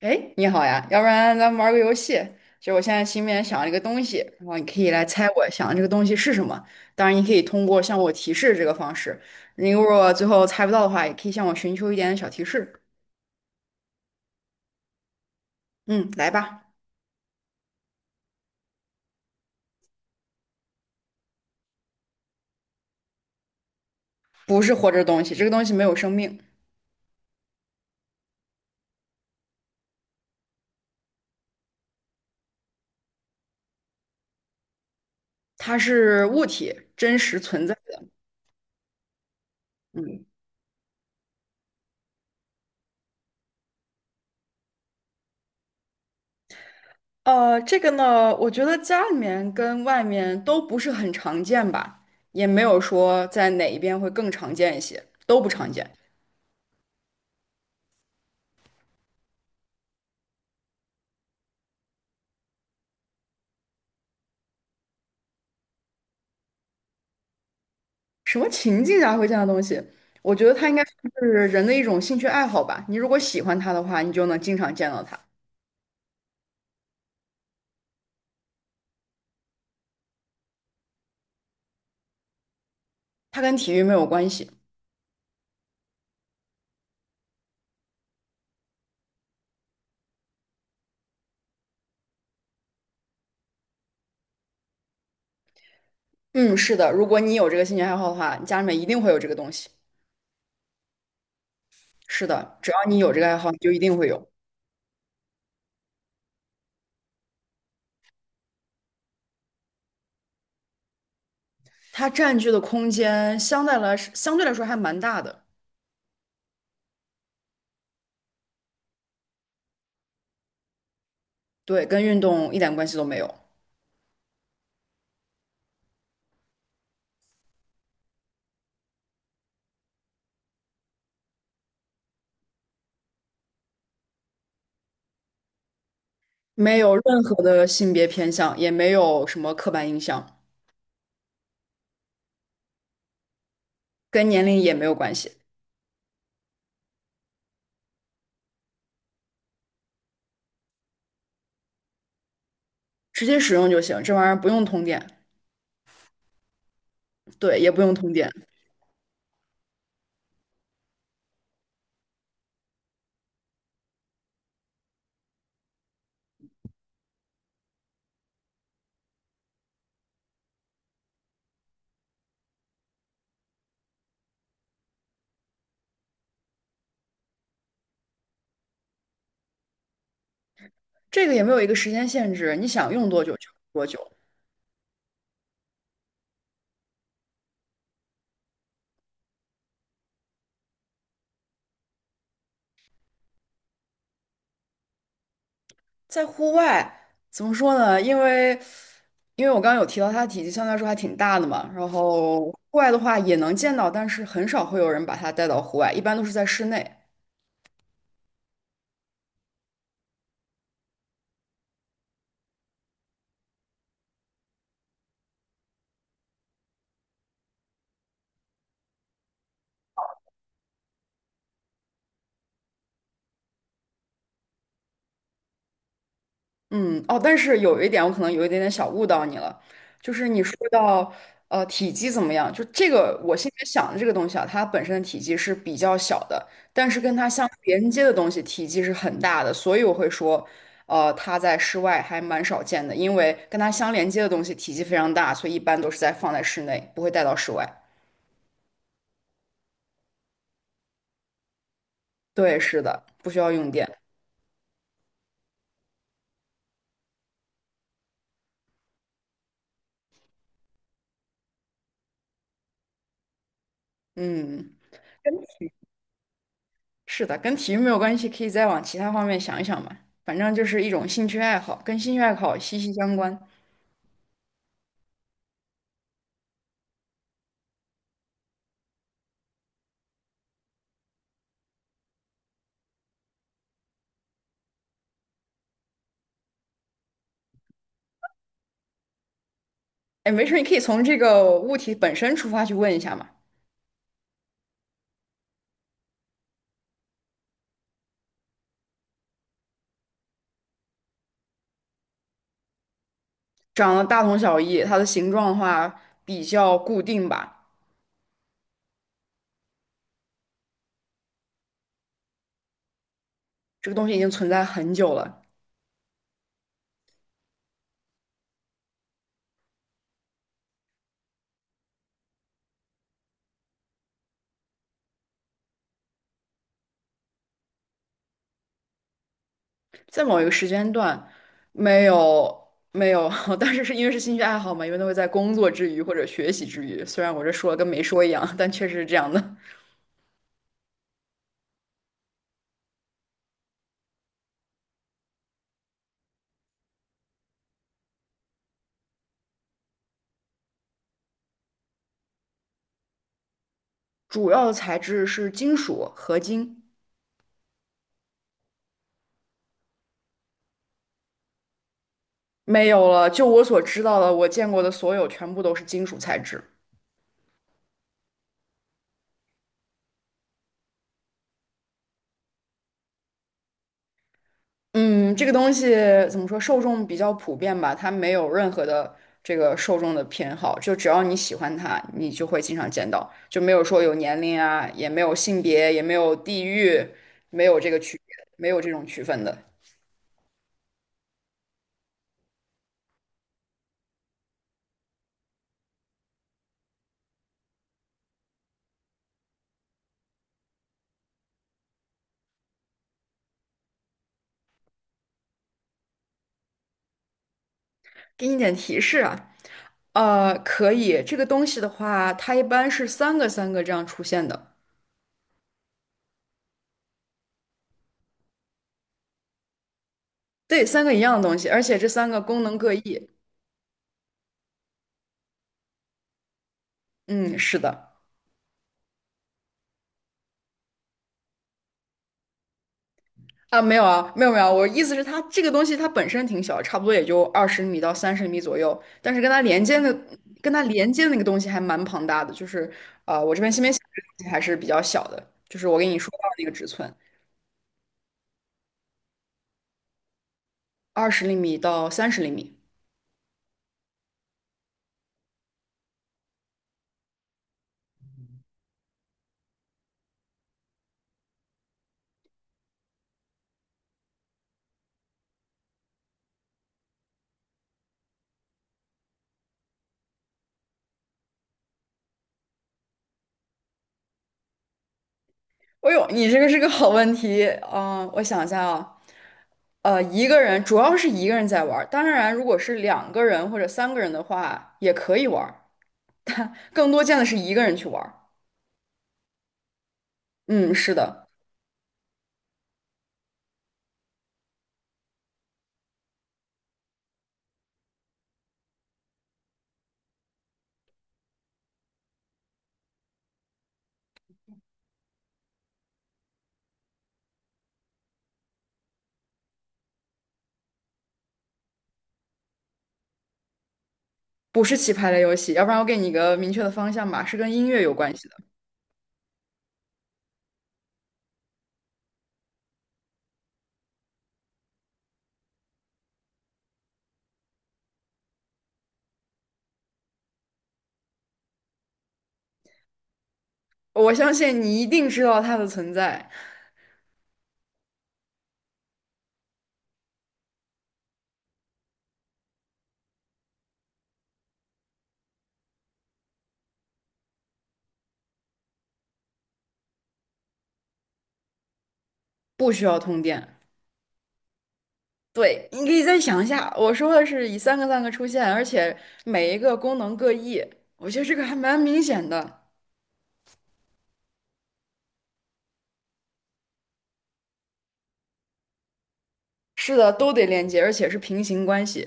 哎，你好呀，要不然咱们玩个游戏。就我现在心里面想了一个东西，然后你可以来猜我想的这个东西是什么。当然，你可以通过向我提示这个方式。你如果最后猜不到的话，也可以向我寻求一点小提示。嗯，来吧，不是活着的东西，这个东西没有生命，它是物体，真实存在的。嗯，这个呢，我觉得家里面跟外面都不是很常见吧，也没有说在哪一边会更常见一些，都不常见。什么情境下会见样的东西？我觉得它应该算是人的一种兴趣爱好吧。你如果喜欢它的话，你就能经常见到它。它跟体育没有关系。嗯，是的，如果你有这个兴趣爱好的话，你家里面一定会有这个东西。是的，只要你有这个爱好，你就一定会有。它占据的空间相对来说还蛮大的，对，跟运动一点关系都没有，没有任何的性别偏向，也没有什么刻板印象，跟年龄也没有关系，直接使用就行。这玩意儿不用通电，对，也不用通电。这个也没有一个时间限制，你想用多久就用多久。在户外怎么说呢？因为我刚刚有提到它的体积相对来说还挺大的嘛，然后户外的话也能见到，但是很少会有人把它带到户外，一般都是在室内。嗯，哦，但是有一点，我可能有一点点小误导你了，就是你说到体积怎么样，就这个我现在想的这个东西啊，它本身的体积是比较小的，但是跟它相连接的东西体积是很大的，所以我会说，它在室外还蛮少见的，因为跟它相连接的东西体积非常大，所以一般都是在放在室内，不会带到室外。对，是的，不需要用电。嗯。是的，跟体育没有关系，可以再往其他方面想一想嘛。反正就是一种兴趣爱好，跟兴趣爱好息息相关。哎，没事儿，你可以从这个物体本身出发去问一下嘛。长得大同小异，它的形状的话比较固定吧。这个东西已经存在很久了，在某一个时间段，没有没有，但是是因为是兴趣爱好嘛，因为都会在工作之余或者学习之余。虽然我这说了跟没说一样，但确实是这样的。主要的材质是金属合金。没有了，就我所知道的，我见过的所有全部都是金属材质。嗯，这个东西怎么说，受众比较普遍吧，它没有任何的这个受众的偏好，就只要你喜欢它，你就会经常见到，就没有说有年龄啊，也没有性别，也没有地域，没有这个区别，没有这种区分的。给你点提示啊，可以，这个东西的话，它一般是三个三个这样出现的，对，三个一样的东西，而且这三个功能各异。嗯，是的。啊，没有啊，没有没有，我意思是它这个东西它本身挺小，差不多也就20米到30米左右，但是跟它连接的那个东西还蛮庞大的，就是我这边先别想这个东西还是比较小的，就是我跟你说到的那个尺寸，20厘米到30厘米。哎呦，你这个是个好问题，啊，我想一下啊，一个人主要是一个人在玩儿，当然如果是两个人或者三个人的话也可以玩儿，更多见的是一个人去玩儿。嗯，是的。不是棋牌类游戏，要不然我给你一个明确的方向吧，是跟音乐有关系的。我相信你一定知道它的存在，不需要通电。对，你可以再想一下，我说的是以三个三个出现，而且每一个功能各异，我觉得这个还蛮明显的。是的，都得连接，而且是平行关系。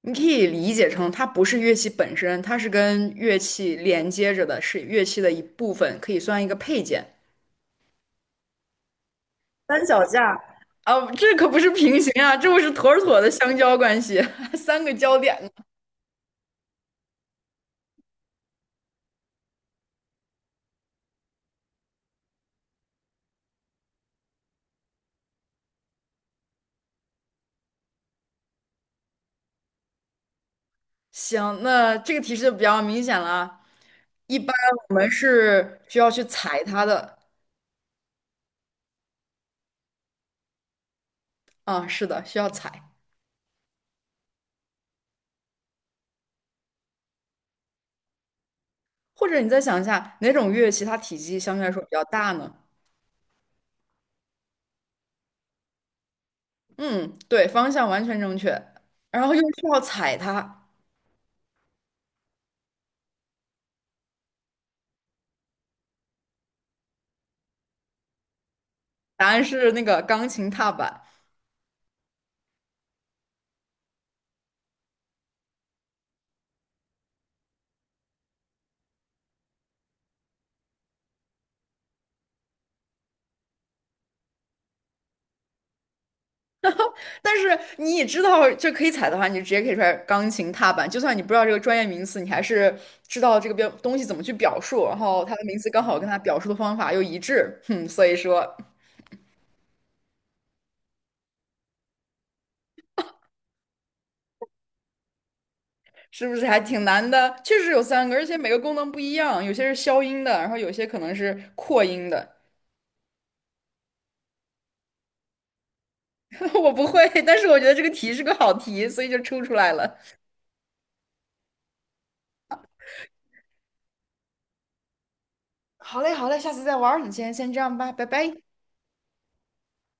你可以理解成它不是乐器本身，它是跟乐器连接着的，是乐器的一部分，可以算一个配件。三脚架啊，这可不是平行啊，这不是妥妥的相交关系，三个交点呢。行，那这个提示就比较明显了啊。一般我们是需要去踩它的啊，是的，需要踩。或者你再想一下，哪种乐器它体积相对来说比较大呢？嗯，对，方向完全正确。然后又需要踩它，答案是那个钢琴踏板。但是你也知道，就可以踩的话，你就直接可以出来钢琴踏板。就算你不知道这个专业名词，你还是知道这个标东西怎么去表述，然后它的名词刚好跟它表述的方法又一致，哼，所以说是不是还挺难的？确实有三个，而且每个功能不一样，有些是消音的，然后有些可能是扩音的。我不会，但是我觉得这个题是个好题，所以就出来了。好嘞，好嘞，下次再玩儿。你先这样吧，拜拜。